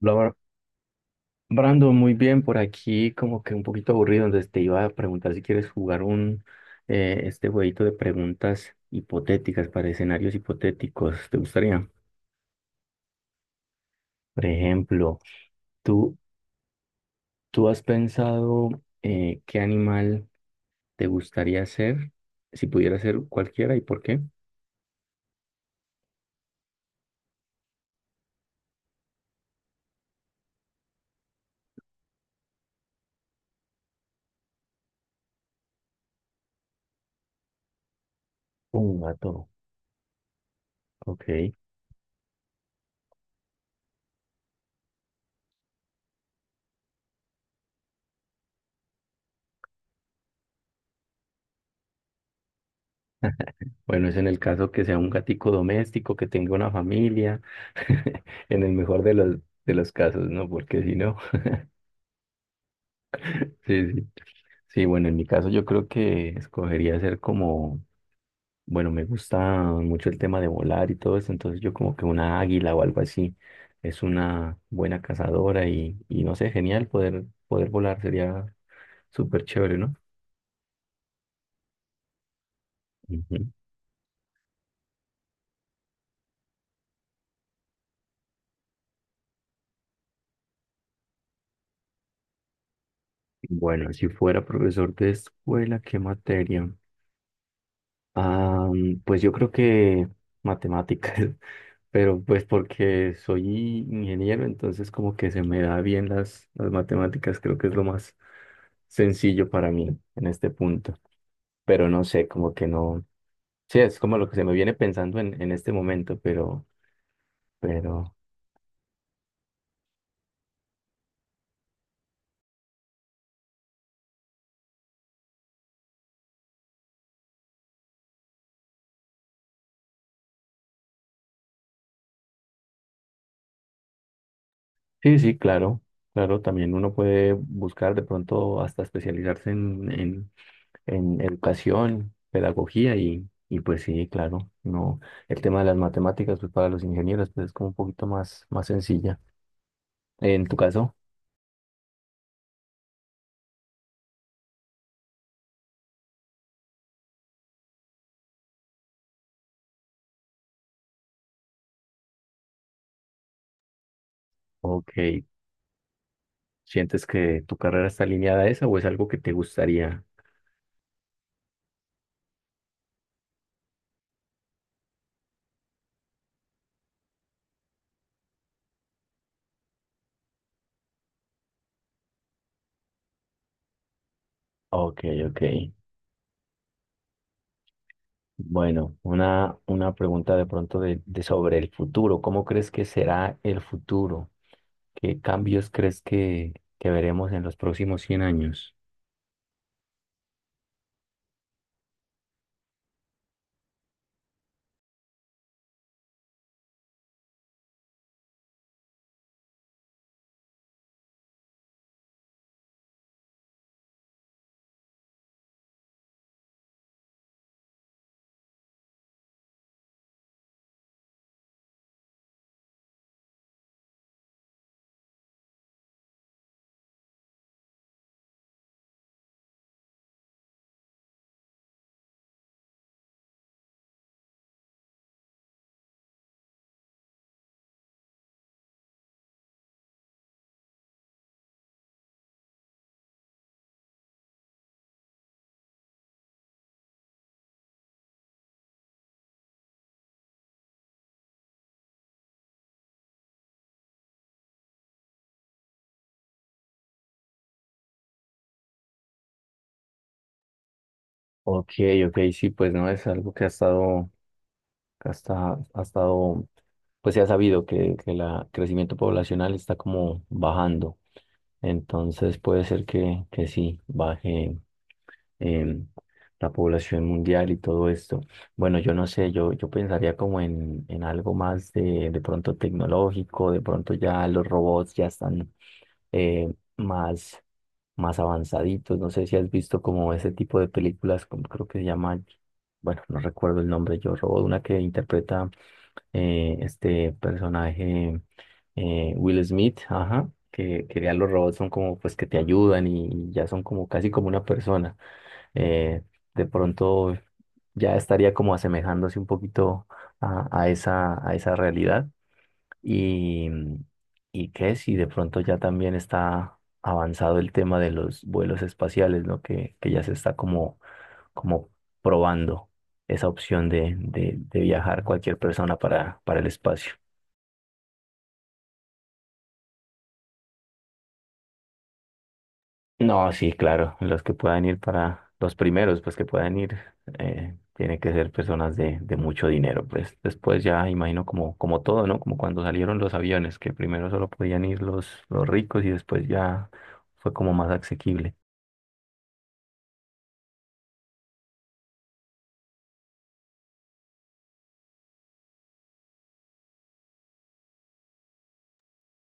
Bla- Brando, muy bien, por aquí como que un poquito aburrido, entonces te iba a preguntar si quieres jugar un este jueguito de preguntas hipotéticas para escenarios hipotéticos, ¿te gustaría? Por ejemplo, ¿tú, tú has pensado ¿qué animal te gustaría ser si pudiera ser cualquiera y por qué? Un gato. Ok. Bueno, es en el caso que sea un gatico doméstico, que tenga una familia, en el mejor de los casos, ¿no? Porque si no, sí, sí. Sí, bueno, en mi caso yo creo que escogería ser como, bueno, me gusta mucho el tema de volar y todo eso, entonces yo como que una águila o algo así es una buena cazadora y no sé, genial poder, poder volar, sería súper chévere, ¿no? Ujú. Bueno, si fuera profesor de escuela, ¿qué materia? Ah, mm, pues yo creo que matemáticas, pero pues porque soy ingeniero, entonces como que se me da bien las matemáticas, creo que es lo más sencillo para mí en este punto, pero no sé, como que no, sí, es como lo que se me viene pensando en este momento, pero, sí, sí, claro, claro, también uno puede buscar de pronto hasta especializarse en educación, pedagogía y pues sí, claro, no, el tema de las matemáticas, pues para los ingenieros, pues es como un poquito más, más sencilla. En tu caso, ok, ¿sientes que tu carrera está alineada a esa o es algo que te gustaría? Ok, ok. Bueno, una pregunta de pronto de sobre el futuro. ¿Cómo crees que será el futuro? ¿Qué cambios crees que veremos en los próximos 100 años? Ok, ok, sí, pues no es algo que ha estado, que hasta, ha estado, pues se ha sabido que el crecimiento poblacional está como bajando. Entonces puede ser que sí, baje em, la población mundial y todo esto. Bueno, yo no sé, yo pensaría como en algo más de pronto tecnológico, de pronto ya los robots ya están eh, más, más avanzaditos. No sé si has visto como ese tipo de películas, como creo que se llama, bueno, no recuerdo el nombre, Yo Robot, una que interpreta este personaje Will Smith, ajá. Que ya los robots son como pues que te ayudan y ya son como casi como una persona eh, de pronto ya estaría como asemejándose un poquito a esa realidad. Y, y que si de pronto ya también está avanzado el tema de los vuelos espaciales, ¿no? Que ya se está como, como probando esa opción de viajar cualquier persona para el espacio. No, sí, claro, los que puedan ir para los primeros, pues que puedan ir, tienen que ser personas de mucho dinero, pues después ya imagino como, como todo, ¿no? Como cuando salieron los aviones, que primero solo podían ir los ricos y después ya fue como más asequible.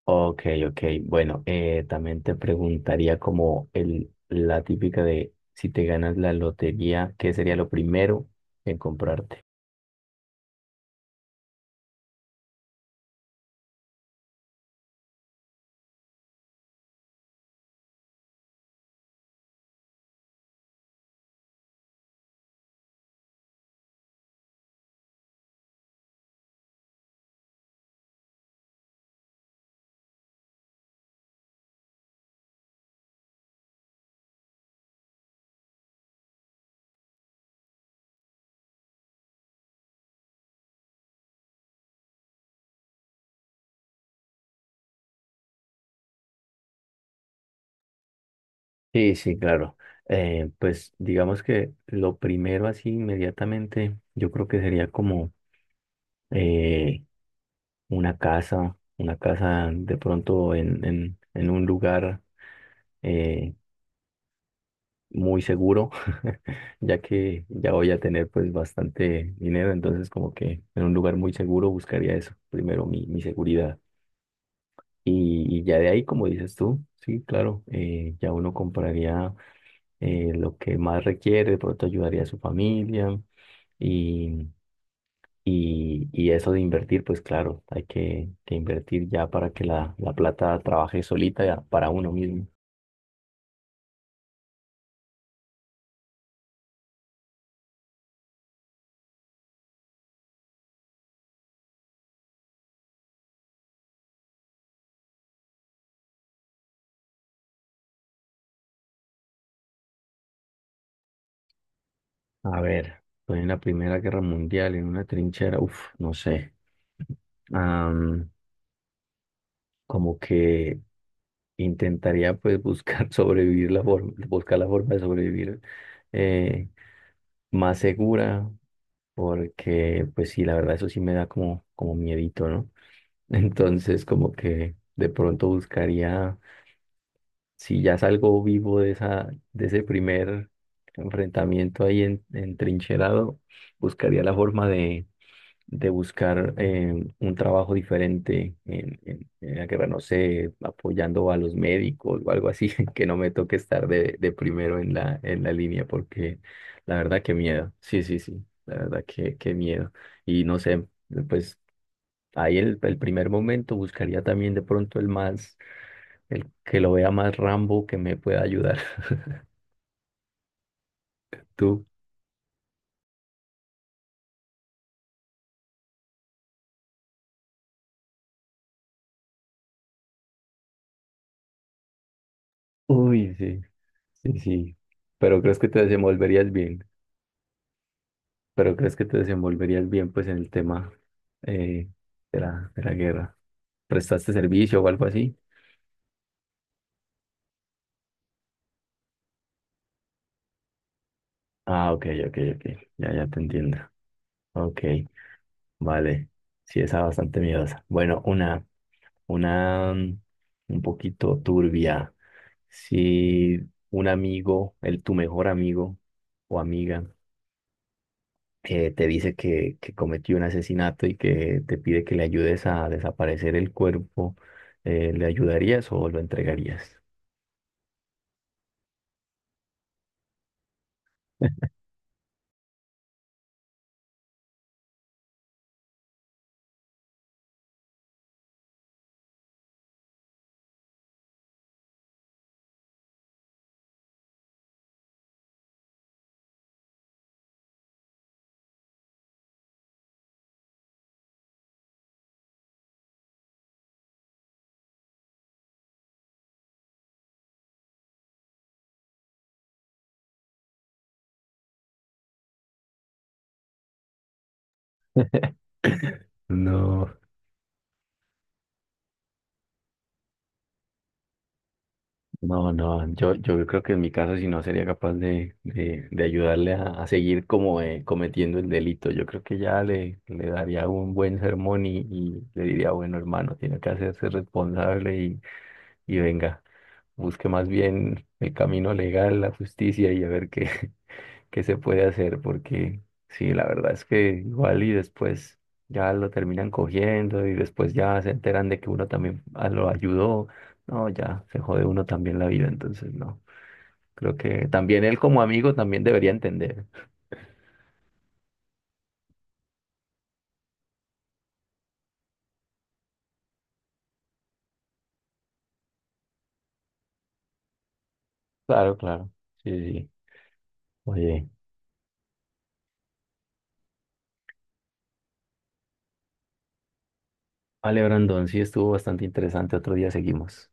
Ok, ok, bueno, también te preguntaría como el, la típica de si te ganas la lotería, ¿qué sería lo primero en comprarte? Sí, sí, claro. Pues digamos que lo primero así inmediatamente, yo creo que sería como eh, una casa de pronto en un lugar eh, muy seguro, ya que ya voy a tener pues bastante dinero, entonces como que en un lugar muy seguro buscaría eso, primero mi, mi seguridad. Y ya de ahí, como dices tú, sí, claro, ya uno compraría lo que más requiere, de pronto ayudaría a su familia y, y eso de invertir, pues claro, hay que invertir ya para que la plata trabaje solita ya para uno mismo. A ver, estoy en la Primera Guerra Mundial, en una trinchera, uff, no sé, am, como que intentaría pues buscar sobrevivir la forma, buscar la forma de sobrevivir eh, más segura, porque pues sí, la verdad eso sí me da como, como miedito, ¿no? Entonces, como que de pronto buscaría, si ya salgo vivo de esa, de ese primer enfrentamiento ahí en, entrincherado, buscaría la forma de buscar un trabajo diferente en, en la guerra, no sé, apoyando a los médicos o algo así, que no me toque estar de primero en la línea, porque la verdad que miedo. Sí, sí, sí, la verdad que miedo. Y no sé, pues. Ahí el primer momento buscaría también de pronto el más, el que lo vea más Rambo que me pueda ayudar. Tú. Uy, sí, sí, sí. Pero crees que te desenvolverías bien. Pero crees que te desenvolverías bien pues en el tema eh, de la guerra. ¿Prestaste servicio o algo así? Ah, ok, ok, ok. Ya, ya te entiendo. Ok, vale. Sí, esa bastante miedosa. Bueno, una un poquito turbia. Si un amigo, el tu mejor amigo o amiga, te dice que cometió un asesinato y que te pide que le ayudes a desaparecer el cuerpo, ¿le ayudarías o lo entregarías? No, no, no, yo creo que en mi caso si no sería capaz de ayudarle a seguir como cometiendo el delito. Yo creo que ya le daría un buen sermón y le diría, bueno, hermano, tiene que hacerse responsable y venga. Busque más bien el camino legal, la justicia y a ver qué, qué se puede hacer, porque sí, la verdad es que igual y después ya lo terminan cogiendo y después ya se enteran de que uno también ah, lo ayudó, no, ya se jode uno también la vida, entonces no, creo que también él como amigo también debería entender. Claro, claro, sí, sí. Oye, vale, Brandon, sí estuvo bastante interesante, otro día seguimos.